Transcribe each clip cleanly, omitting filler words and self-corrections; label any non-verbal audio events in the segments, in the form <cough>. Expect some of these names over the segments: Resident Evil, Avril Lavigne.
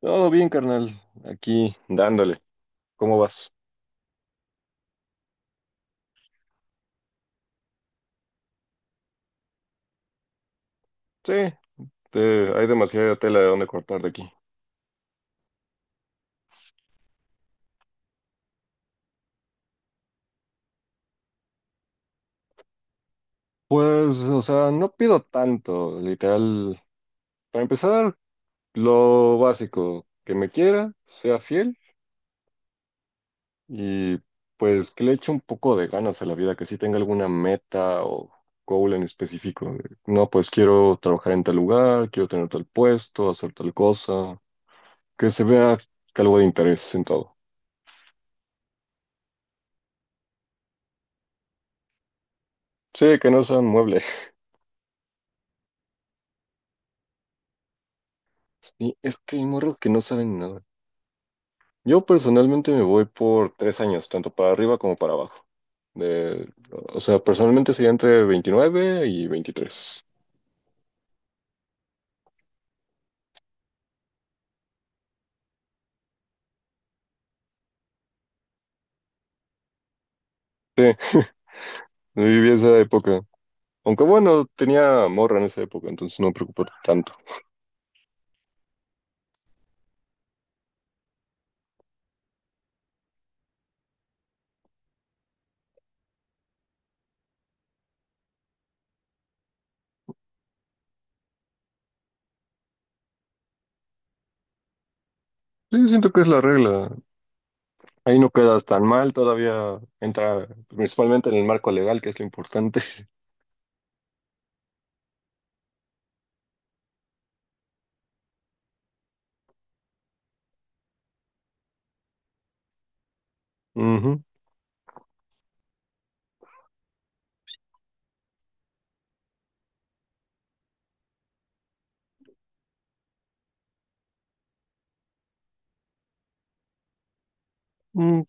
Todo bien, carnal. Aquí, dándole. ¿Cómo vas? Sí, hay demasiada tela de dónde cortar de aquí. Pues, o sea, no pido tanto, literal. Para empezar, lo básico, que me quiera, sea fiel y pues que le eche un poco de ganas a la vida, que sí tenga alguna meta o goal en específico. No, pues quiero trabajar en tal lugar, quiero tener tal puesto, hacer tal cosa, que se vea algo de interés en todo. Sí, que no sean muebles. Sí, es que hay morros que no saben nada. Yo personalmente me voy por 3 años, tanto para arriba como para abajo. De, o sea, personalmente sería entre 29 y 23. Yo viví esa época. Aunque bueno, tenía morra en esa época, entonces no me preocupó tanto. Sí, siento que es la regla. Ahí no quedas tan mal, todavía entra principalmente en el marco legal, que es lo importante. <laughs> Ujú. Mm,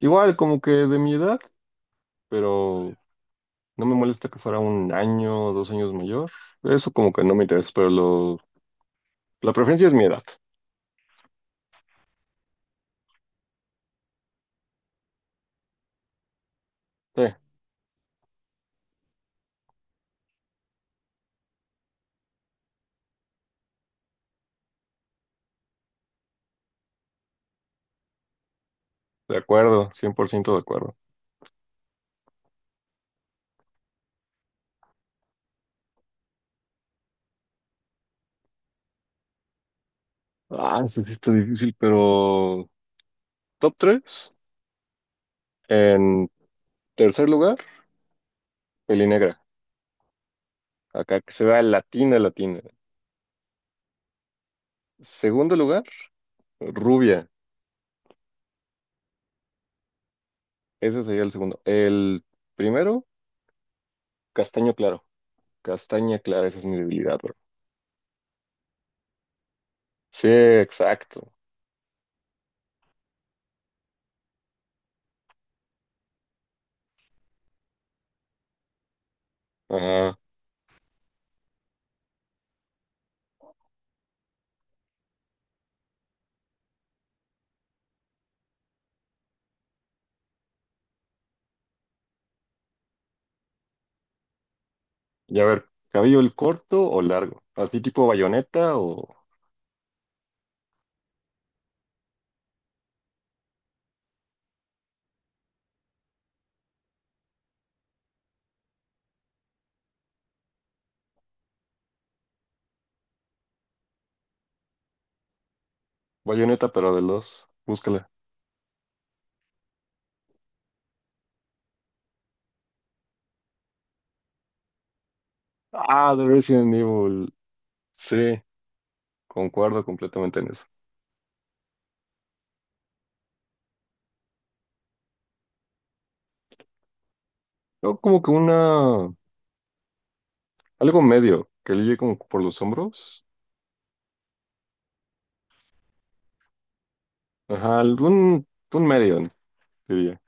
Igual, como que de mi edad, pero no me molesta que fuera un año o 2 años mayor. Eso como que no me interesa, la preferencia es mi edad. Sí, de acuerdo, 100% de acuerdo. Ah, sí, sí está difícil, pero top tres. En tercer lugar, pelinegra. Acá que se vea latina, latina. Segundo lugar, rubia. Ese sería el segundo. El primero, castaño claro. Castaña clara, esa es mi debilidad, bro. Sí, exacto. Ajá. Y a ver, ¿cabello el corto o largo? ¿Así tipo bayoneta o bayoneta pero de los? Búscala. Ah, de Resident Evil. Sí, concuerdo completamente en eso. Yo como que una... algo medio, que ligue como por los hombros. Ajá, algún... un medio, diría.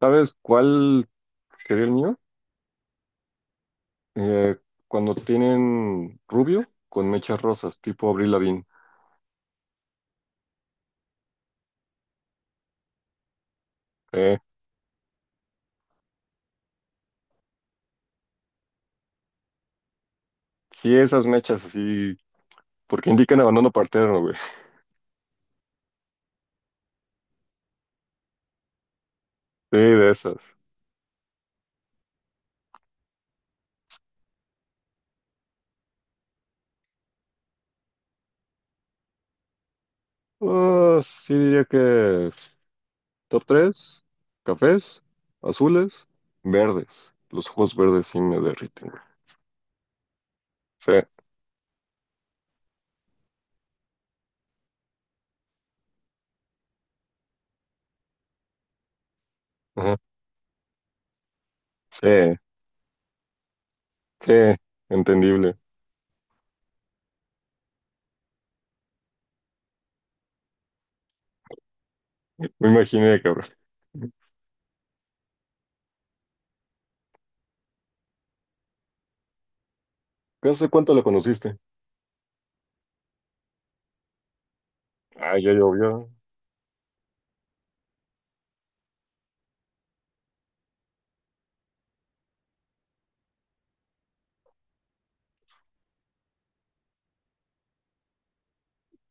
¿Sabes cuál sería el mío? Eh, Cuando tienen rubio con mechas rosas, tipo Avril Lavigne. Eh, sí, esas mechas así, porque indican abandono partero, güey. Sí, de esas. Ah, sí diría que top tres: cafés, azules, verdes. Los ojos verdes sí me derriten, güey. Sí, ajá, sí, sí, entendible. Me imaginé, cabrón. ¿Qué hace cuánto la conociste? Ah, ya llovió.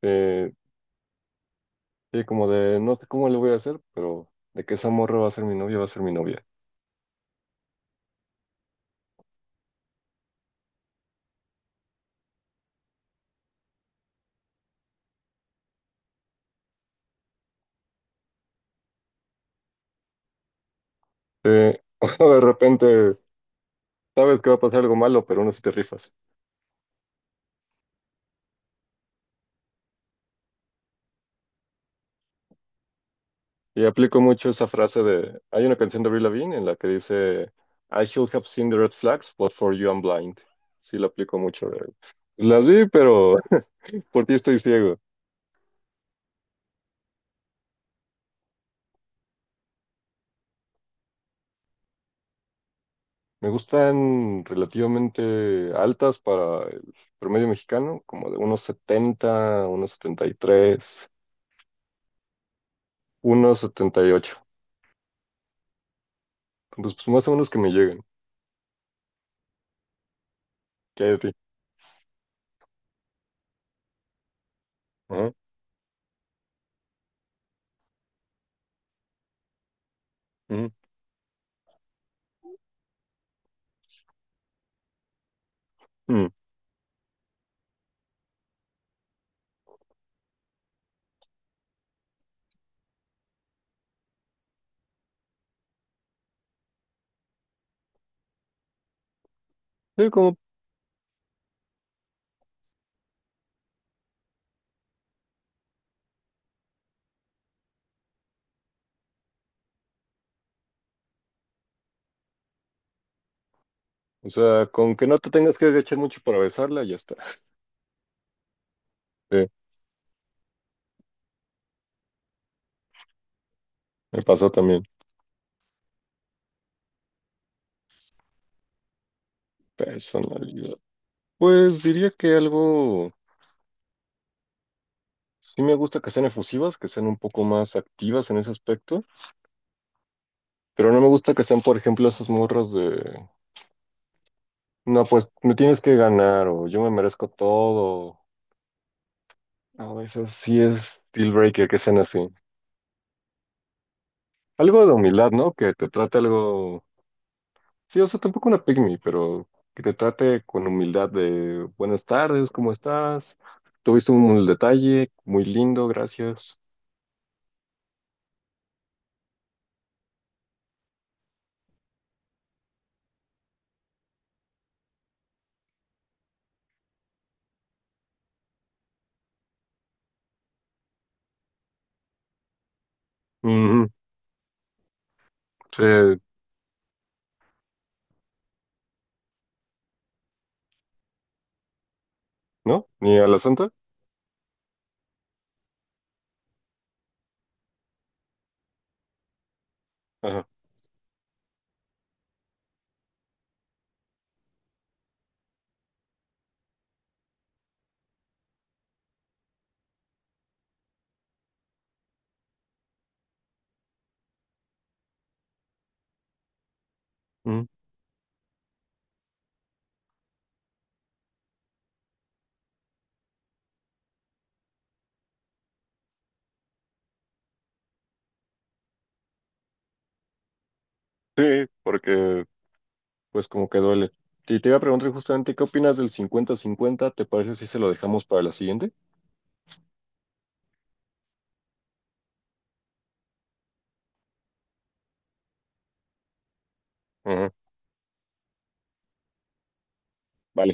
Eh, sí, como de, no sé cómo le voy a hacer, pero de que esa morra va a ser mi novia, va a ser mi novia. Sí, <laughs> o de repente, sabes que va a pasar algo malo, pero aún así te rifas. Y aplico mucho esa frase de, hay una canción de Avril Lavigne en la que dice, I should have seen the red flags, but for you I'm blind. Sí, la aplico mucho. Pues, las vi, pero por ti estoy ciego. Me gustan relativamente altas para el promedio mexicano, como de unos 70 unos 73 unos 78. Entonces, pues más o menos que me lleguen. ¿Qué hay de ti? Ajá, ujú, mm. Sí, como, o sea, con que no te tengas que agachar mucho para besarla, ya está. Sí, me pasó también. Personalidad. Pues diría que algo, sí me gusta que sean efusivas, que sean un poco más activas en ese aspecto, pero no me gusta que sean, por ejemplo, esas morras de, no, pues me tienes que ganar o yo me merezco todo. A veces sí es deal breaker que sean así. Algo de humildad, ¿no? Que te trate algo, sí, o sea, tampoco una pygmy, pero que te trate con humildad de buenas tardes, ¿cómo estás? Tuviste un detalle muy lindo, gracias. Ujú. Sí, ¿no? Ni a la santa. Ajá. Ujú. Sí, porque pues como que duele. Y te iba a preguntar justamente, ¿qué opinas del 50-50? ¿Te parece si se lo dejamos para la siguiente? Ajá. Vale.